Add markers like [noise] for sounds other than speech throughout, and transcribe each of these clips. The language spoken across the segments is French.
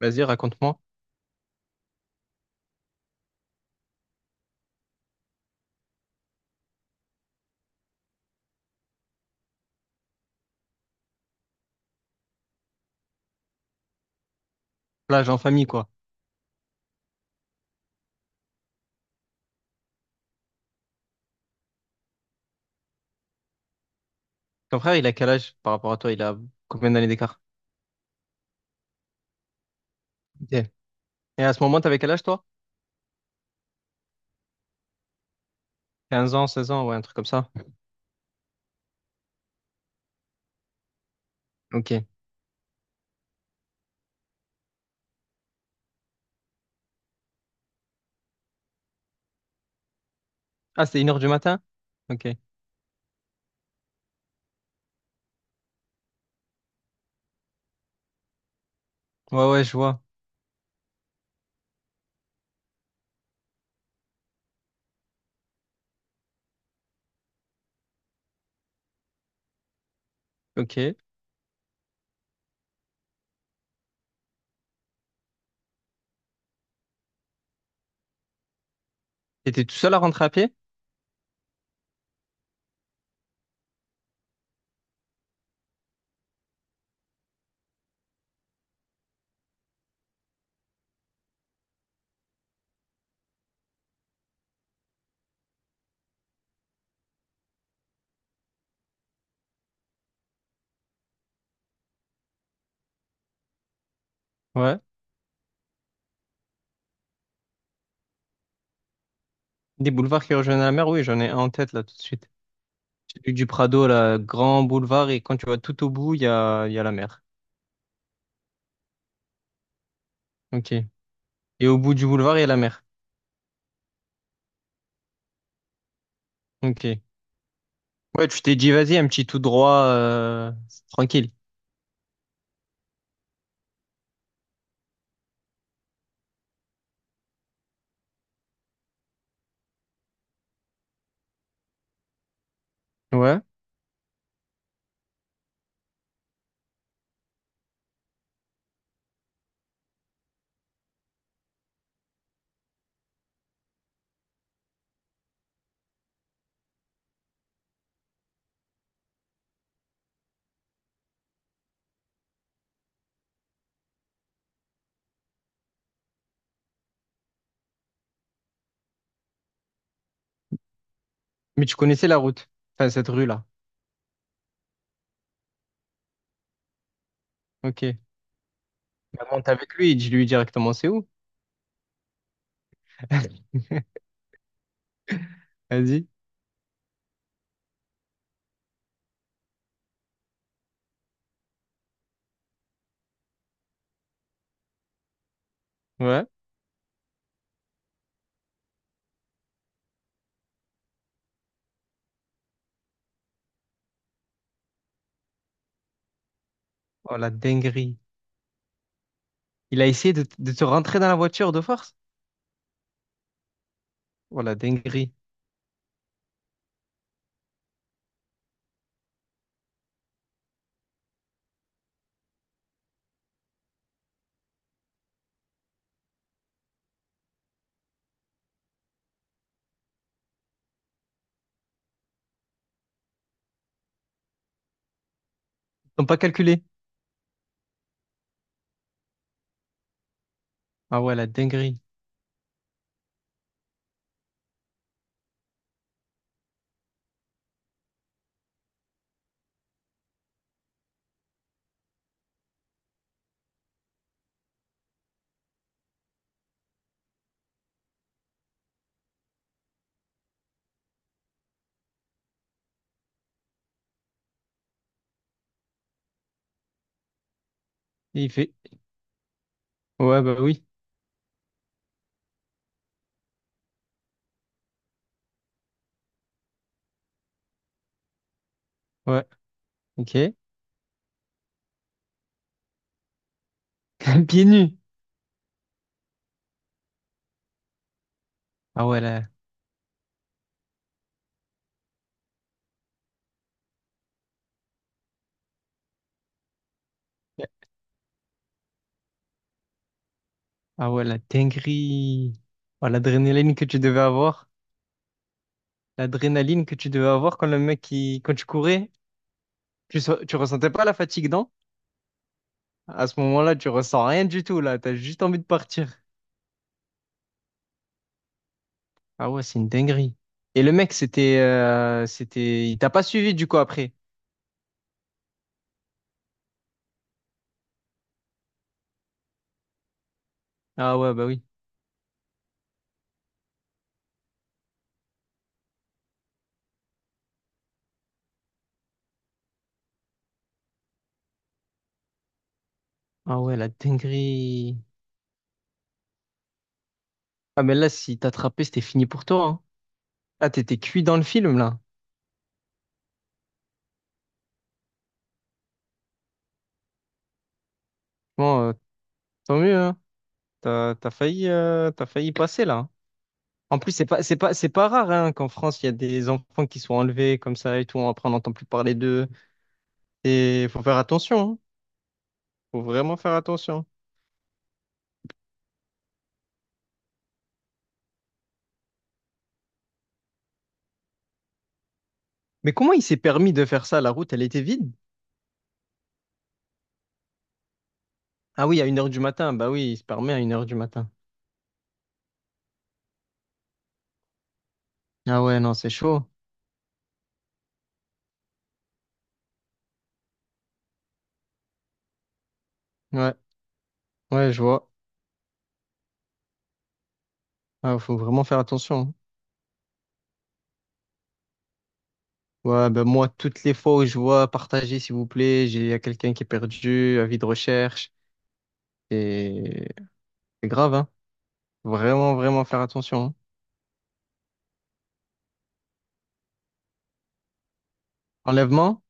Vas-y, raconte-moi. Plage en famille, quoi. Ton frère, il a quel âge par rapport à toi? Il a combien d'années d'écart? Ok. Et à ce moment, t'avais quel âge, toi? Quinze ans, 16 ans, ouais, un truc comme ça. Ok. Ah, c'était une heure du matin? Ok. Ouais, ouais, je vois. Ok. T'étais tout seul à rentrer à pied? Ouais. Des boulevards qui rejoignent la mer? Oui, j'en ai un en tête, là, tout de suite. Celui du Prado, là, grand boulevard, et quand tu vas tout au bout, il y a la mer. Ok. Et au bout du boulevard, il y a la mer. Ok. Ouais, tu t'es dit, vas-y, un petit tout droit, tranquille. Ouais. Mais tu connaissais la route, enfin cette rue-là. Ok. Bah, monte avec lui et dis-lui directement c'est où. [laughs] Vas-y. Ouais. Oh la dinguerie. Il a essayé de te rentrer dans la voiture de force. Oh la dinguerie. Ils n'ont pas calculé. Ah ouais, la dinguerie. Et il fait. Ouais, bah oui. Ouais. Ok. [laughs] Pieds nus. Ah ouais, la… Ah ouais, la dinguerie. Oh, l'adrénaline que tu devais avoir. L'adrénaline que tu devais avoir quand le mec, qui quand tu courais, tu, tu ressentais pas la fatigue, non? À ce moment-là, tu ressens rien du tout, là. T'as juste envie de partir. Ah ouais, c'est une dinguerie. Et le mec, c'était, c'était, il t'a pas suivi du coup après. Ah ouais, bah oui. Ah ouais, la dinguerie. Ah mais là, si t'attrapais, c'était fini pour toi, hein. Ah, t'étais cuit dans le film là. Bon, tant mieux, hein. T'as, t'as failli passer là, hein. En plus, c'est pas, c'est pas, c'est pas rare hein, qu'en France, il y a des enfants qui sont enlevés comme ça et tout. Après, on n'entend plus parler d'eux. Et faut faire attention, hein. Faut vraiment faire attention. Mais comment il s'est permis de faire ça? La route, elle était vide. Ah oui, à une heure du matin. Bah oui, il se permet à une heure du matin. Ah ouais, non, c'est chaud. Ouais, ouais, je vois. Ah, faut vraiment faire attention. Ouais, ben moi, toutes les fois où je vois partager, s'il vous plaît, j'ai il y a quelqu'un qui est perdu, avis de recherche. Et c'est grave, hein. Vraiment, vraiment faire attention, hein. Enlèvement?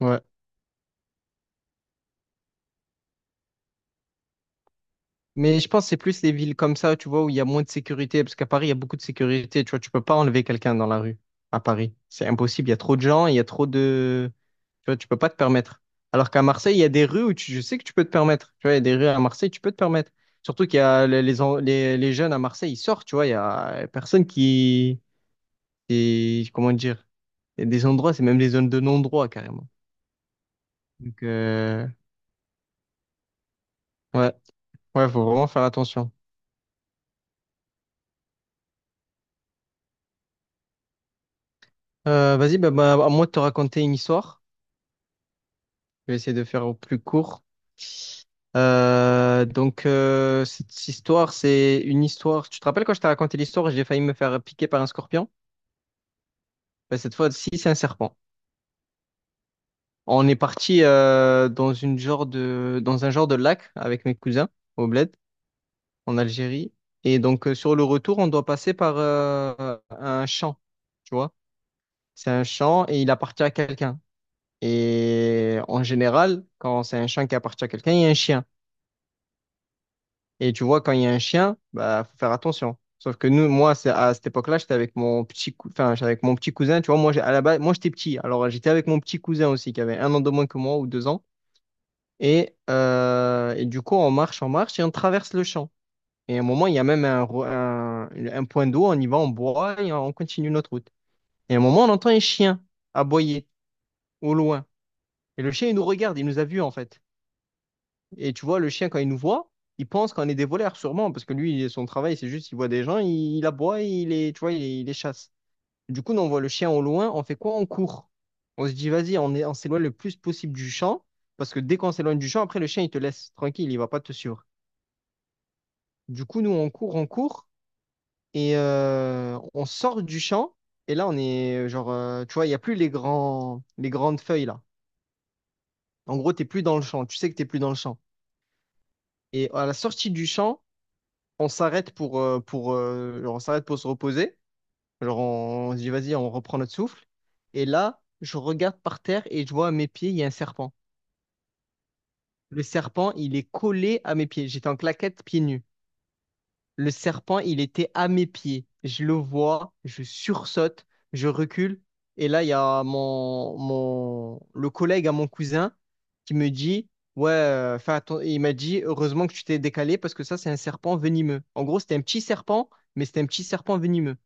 Ouais. Mais je pense que c'est plus les villes comme ça, tu vois, où il y a moins de sécurité, parce qu'à Paris, il y a beaucoup de sécurité, tu vois, tu peux pas enlever quelqu'un dans la rue à Paris. C'est impossible, il y a trop de gens, il y a trop de… Tu vois, tu peux pas te permettre. Alors qu'à Marseille, il y a des rues où tu… je sais que tu peux te permettre. Tu vois, il y a des rues à Marseille, tu peux te permettre. Surtout qu'il y a les, les jeunes à Marseille, ils sortent, tu vois, il y a personne qui… qui- Comment dire? Il y a des endroits, c'est même des zones de non-droit, carrément. Donc, ouais, ouais, faut vraiment faire attention. Vas-y, bah, bah, à moi de te raconter une histoire. Je vais essayer de faire au plus court. Cette histoire, c'est une histoire. Tu te rappelles quand je t'ai raconté l'histoire, j'ai failli me faire piquer par un scorpion? Ben, cette fois-ci, c'est un serpent. On est parti dans une genre de, dans un genre de lac avec mes cousins au Bled, en Algérie. Et donc, sur le retour, on doit passer par un champ. Tu vois? C'est un champ et il appartient à quelqu'un. Et en général, quand c'est un champ qui appartient à quelqu'un, il y a un chien. Et tu vois, quand il y a un chien, bah, faut faire attention. Sauf que nous, moi, c'est à cette époque-là, j'étais avec mon petit, enfin, j'étais avec mon petit cousin. Tu vois, moi, à la base, moi, j'étais petit. Alors, j'étais avec mon petit cousin aussi, qui avait un an de moins que moi ou deux ans. Et du coup, on marche et on traverse le champ. Et à un moment, il y a même un, un point d'eau. On y va, on boit et on continue notre route. Et à un moment, on entend un chien aboyer au loin. Et le chien, il nous regarde, il nous a vus en fait. Et tu vois, le chien, quand il nous voit, il pense qu'on est des voleurs, sûrement, parce que lui, son travail, c'est juste, il voit des gens, il aboie, il les, tu vois, il les chasse. Du coup, nous, on voit le chien au loin, on fait quoi? On court. On se dit, vas-y, on est, on s'éloigne le plus possible du champ, parce que dès qu'on s'éloigne du champ, après, le chien, il te laisse tranquille, il va pas te suivre. Du coup, nous, on court, et on sort du champ, et là, on est, genre, tu vois, il n'y a plus les grands, les grandes feuilles, là. En gros, t'es plus dans le champ, tu sais que t'es plus dans le champ. Et à la sortie du champ, on s'arrête pour, genre, on s'arrête pour se reposer. Genre, on se dit, vas-y, on reprend notre souffle. Et là, je regarde par terre et je vois à mes pieds, il y a un serpent. Le serpent, il est collé à mes pieds. J'étais en claquette, pieds nus. Le serpent, il était à mes pieds. Je le vois, je sursaute, je recule. Et là, il y a mon, mon, le collègue à mon cousin qui me dit, ouais, il m'a dit, heureusement que tu t'es décalé parce que ça, c'est un serpent venimeux. En gros, c'était un petit serpent, mais c'était un petit serpent venimeux.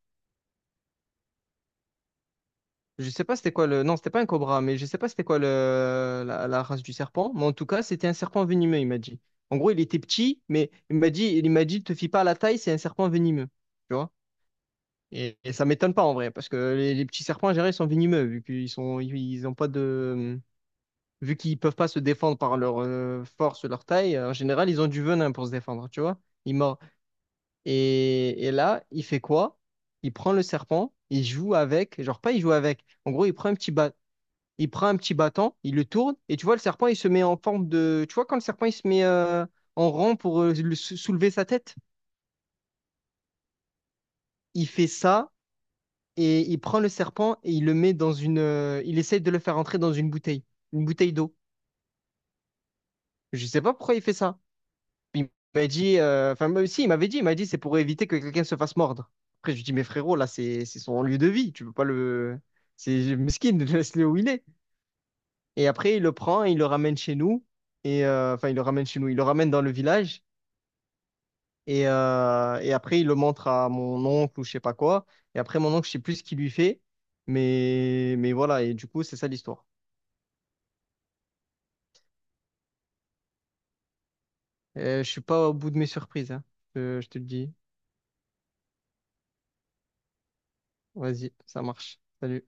Je sais pas c'était quoi le… Non, c'était pas un cobra, mais je sais pas c'était quoi le… la race du serpent. Mais en tout cas, c'était un serpent venimeux, il m'a dit. En gros, il était petit, mais il m'a dit, te fie pas à la taille, c'est un serpent venimeux. Tu vois. Et ça m'étonne pas en vrai, parce que les petits serpents, en général, ils sont venimeux, vu qu'ils sont, ils ils ont pas de, vu qu'ils peuvent pas se défendre par leur force, leur taille, en général, ils ont du venin pour se défendre, tu vois. Il mord. Et là, il fait quoi? Il prend le serpent, il joue avec, genre pas il joue avec. En gros, il prend un petit bâton, il prend un petit bâton, il le tourne, et tu vois, le serpent, il se met en forme de, tu vois, quand le serpent, il se met en rang pour soulever sa tête, il fait ça et il prend le serpent et il le met dans une. Il essaye de le faire entrer dans une bouteille d'eau. Je sais pas pourquoi il fait ça. Il m'a dit, enfin, moi aussi, il m'avait dit, il m'a dit, c'est pour éviter que quelqu'un se fasse mordre. Après, je lui dis, mais frérot, là, c'est son lieu de vie, tu peux pas le. C'est mesquine, [laughs] laisse-le où il est. Et après, il le prend et il le ramène chez nous. Et enfin, il le ramène chez nous, il le ramène dans le village. Et après, il le montre à mon oncle ou je sais pas quoi. Et après, mon oncle, je sais plus ce qu'il lui fait. Mais voilà, et du coup, c'est ça l'histoire. Je suis pas au bout de mes surprises, hein. Je te le dis. Vas-y, ça marche. Salut.